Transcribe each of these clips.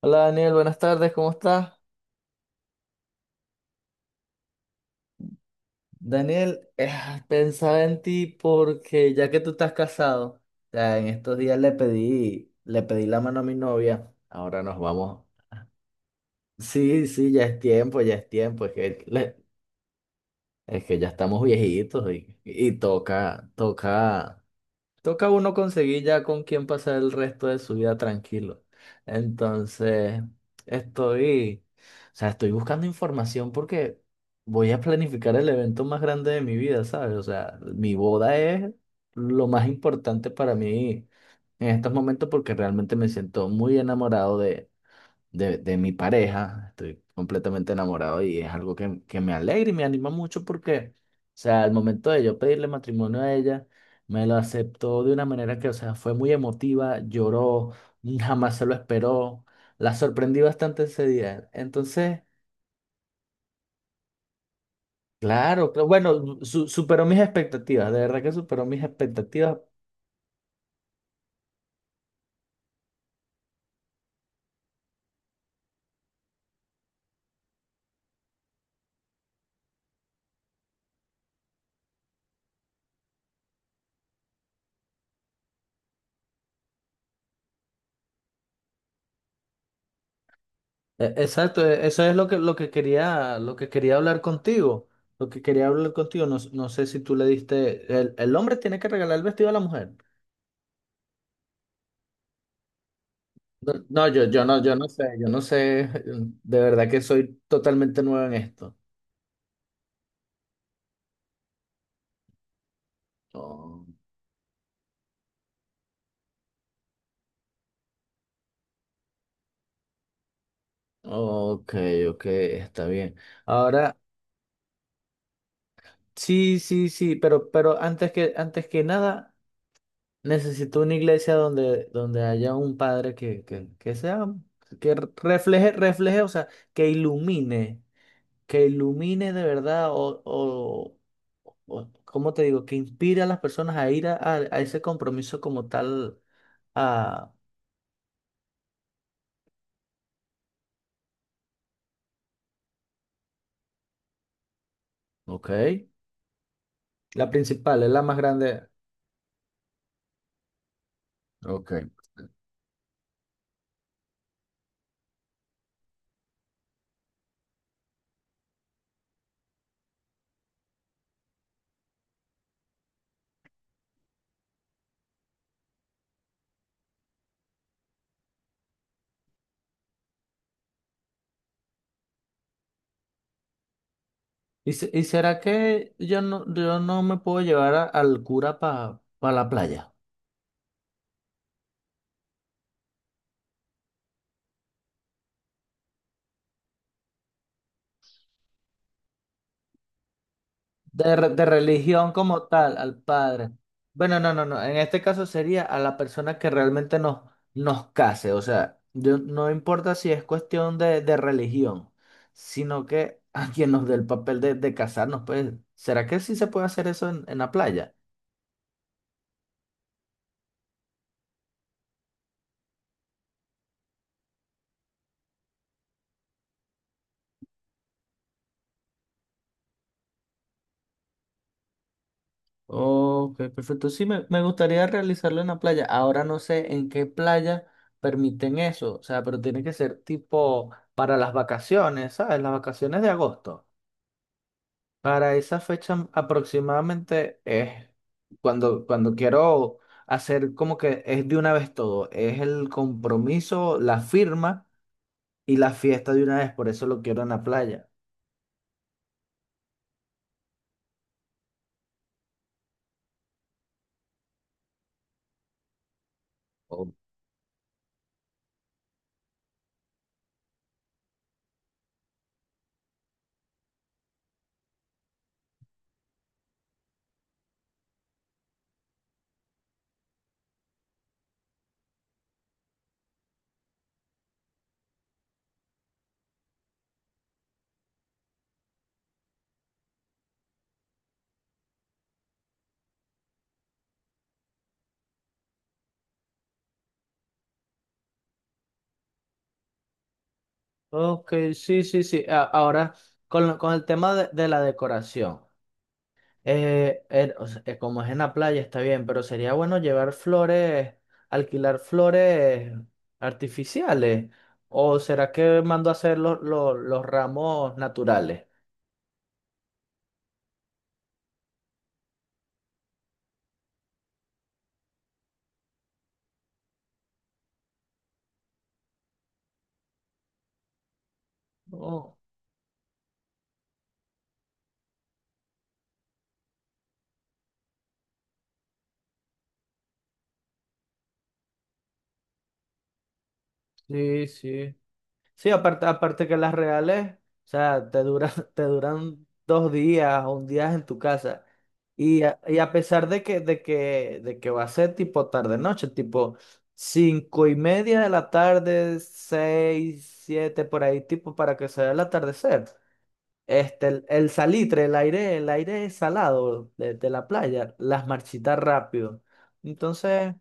Hola Daniel, buenas tardes, ¿cómo estás? Daniel, pensaba en ti porque ya que tú estás casado, ya en estos días le pedí la mano a mi novia, ahora nos vamos. Sí, sí, ya es tiempo, es que ya estamos viejitos y toca, toca. Toca uno conseguir ya con quién pasar el resto de su vida tranquilo. Entonces, estoy, o sea, estoy buscando información porque voy a planificar el evento más grande de mi vida, ¿sabes? O sea, mi boda es lo más importante para mí en estos momentos porque realmente me siento muy enamorado de mi pareja, estoy completamente enamorado y es algo que me alegra y me anima mucho porque, o sea, al momento de yo pedirle matrimonio a ella, me lo aceptó de una manera que, o sea, fue muy emotiva, lloró, jamás se lo esperó, la sorprendí bastante ese día. Entonces, claro, claro, bueno, superó mis expectativas, de verdad que superó mis expectativas. Exacto, eso es lo que, lo que quería hablar contigo. Lo que quería hablar contigo, no, no sé si tú le diste. El hombre tiene que regalar el vestido a la mujer. No, no, yo no sé, yo no sé. De verdad que soy totalmente nuevo en esto. Oh, ok, ok, está bien. Ahora, sí, sí, sí, pero, antes que nada, necesito una iglesia donde haya un padre que sea, que refleje, refleje, o sea, que ilumine. Que ilumine de verdad ¿cómo te digo? Que inspire a las personas a ir a ese compromiso como tal. A, ok. La principal, es la más grande. Ok. ¿Y, y será que yo no me puedo llevar al cura para la playa? De, de religión como tal, al padre. Bueno, no, no, no. En este caso sería a la persona que realmente nos case. O sea, no importa si es cuestión de religión, sino que a quien nos dé el papel de casarnos, pues, ¿será que sí se puede hacer eso en la playa? Ok, perfecto. Sí, me gustaría realizarlo en la playa. Ahora no sé en qué playa permiten eso. O sea, pero tiene que ser tipo para las vacaciones, ¿sabes? Las vacaciones de agosto. Para esa fecha aproximadamente es cuando, cuando quiero hacer como que es de una vez todo, es el compromiso, la firma y la fiesta de una vez, por eso lo quiero en la playa. Oh, ok, sí, sí, sí. Ahora, con el tema de la decoración, como es en la playa está bien, pero sería bueno llevar flores, alquilar flores artificiales, o será que mando a hacer los ramos naturales. Oh, sí, sí. Sí, aparte, aparte que las reales, o sea, te duran, te duran dos días o un día en tu casa. Y a pesar de de que va a ser tipo tarde-noche, tipo cinco y media de la tarde, seis, siete, por ahí, tipo para que se vea el atardecer. Este, el salitre, el aire salado de la playa, las marchitas rápido. Entonces,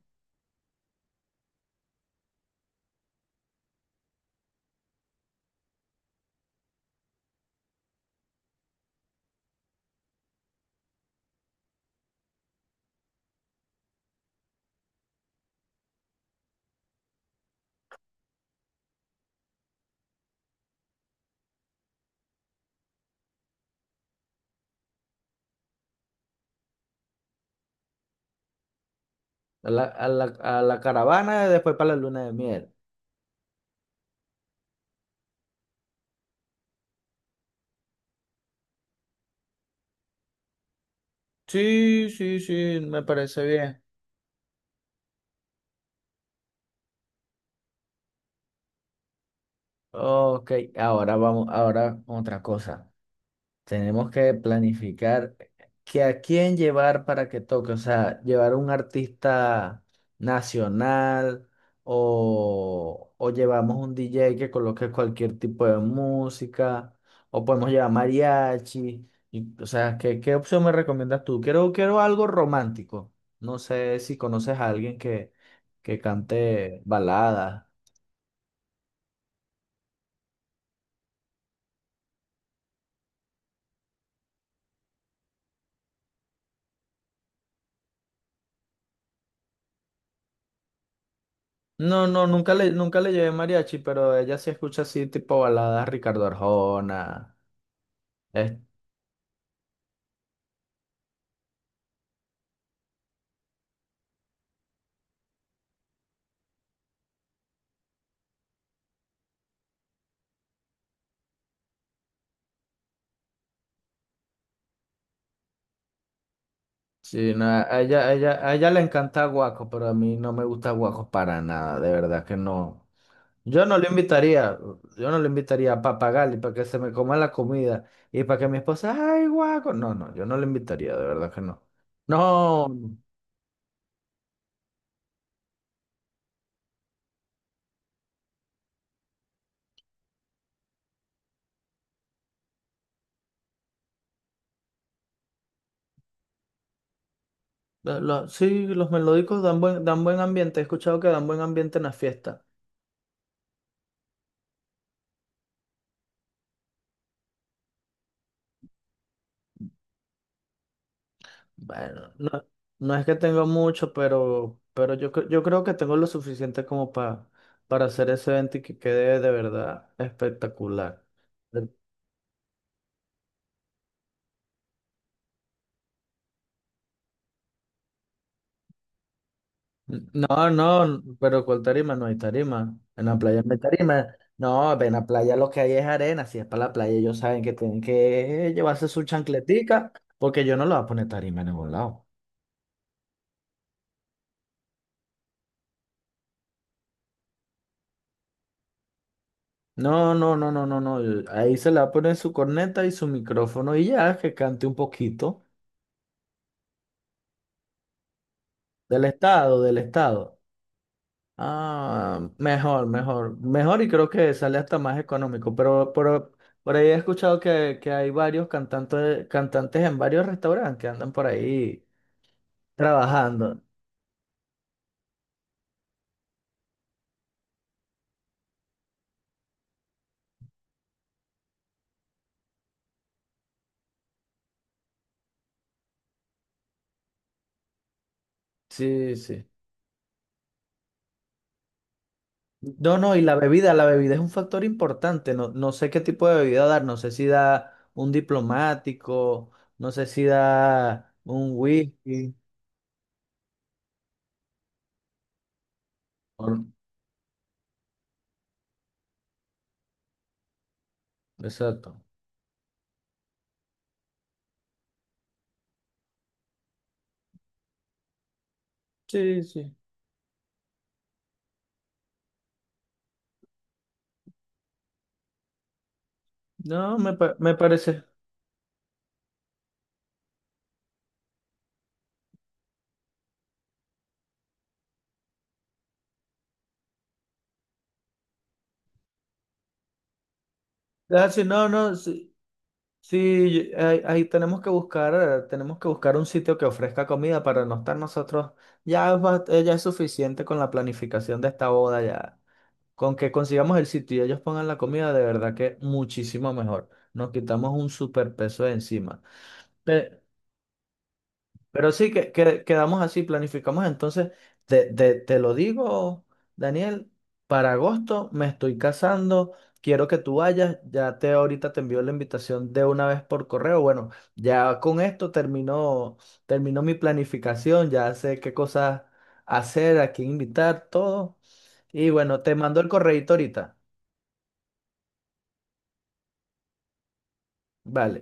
a la, a la, a la caravana, después para la luna de miel. Sí, sí, sí, me parece bien. Ok, ahora vamos, ahora otra cosa. Tenemos que planificar que a quién llevar para que toque, o sea, llevar un artista nacional o llevamos un DJ que coloque cualquier tipo de música o podemos llevar mariachi. Y, o sea, ¿qué, qué opción me recomiendas tú? Quiero, quiero algo romántico. No sé si conoces a alguien que cante baladas. No, no, nunca le llevé mariachi, pero ella sí escucha así tipo baladas Ricardo Arjona. Es, sí, no, a ella le encanta Guaco, pero a mí no me gusta Guaco para nada, de verdad que no. Yo no le invitaría, yo no le invitaría a Papagali para que se me coma la comida y para que mi esposa, ay, Guaco. No, no, yo no le invitaría, de verdad que no. No, sí, los melódicos dan buen ambiente, he escuchado que dan buen ambiente en la fiesta. Bueno, no, no es que tenga mucho, pero yo, yo creo que tengo lo suficiente como para hacer ese evento y que quede de verdad espectacular. Pero, no, no, pero ¿cuál tarima? No hay tarima. En la playa no hay tarima. No, en la playa lo que hay es arena. Si es para la playa, ellos saben que tienen que llevarse su chancletica, porque yo no le voy a poner tarima en ningún lado. No, no, no, no, no, no. Ahí se le va a poner su corneta y su micrófono y ya, que cante un poquito. Del estado, del estado. Ah, mejor, mejor. Mejor y creo que sale hasta más económico. Pero por ahí he escuchado que hay varios cantantes, cantantes en varios restaurantes que andan por ahí trabajando. Sí, sí. No, no, y la bebida es un factor importante. No, no sé qué tipo de bebida dar. No sé si da un diplomático, no sé si da un whisky. Por, exacto. Sí, sí. No, me, me parece. Ah, sí, no, no, sí. Sí, ahí, ahí tenemos que buscar un sitio que ofrezca comida para no estar nosotros. Ya es, ya es suficiente con la planificación de esta boda ya. Con que consigamos el sitio y ellos pongan la comida, de verdad que muchísimo mejor. Nos quitamos un superpeso de encima. Pero sí, quedamos así, planificamos. Entonces, te lo digo, Daniel, para agosto me estoy casando, quiero que tú vayas, ya te ahorita te envío la invitación de una vez por correo. Bueno, ya con esto terminó, terminó mi planificación, ya sé qué cosas hacer, a quién invitar, todo. Y bueno, te mando el correíto ahorita. Vale.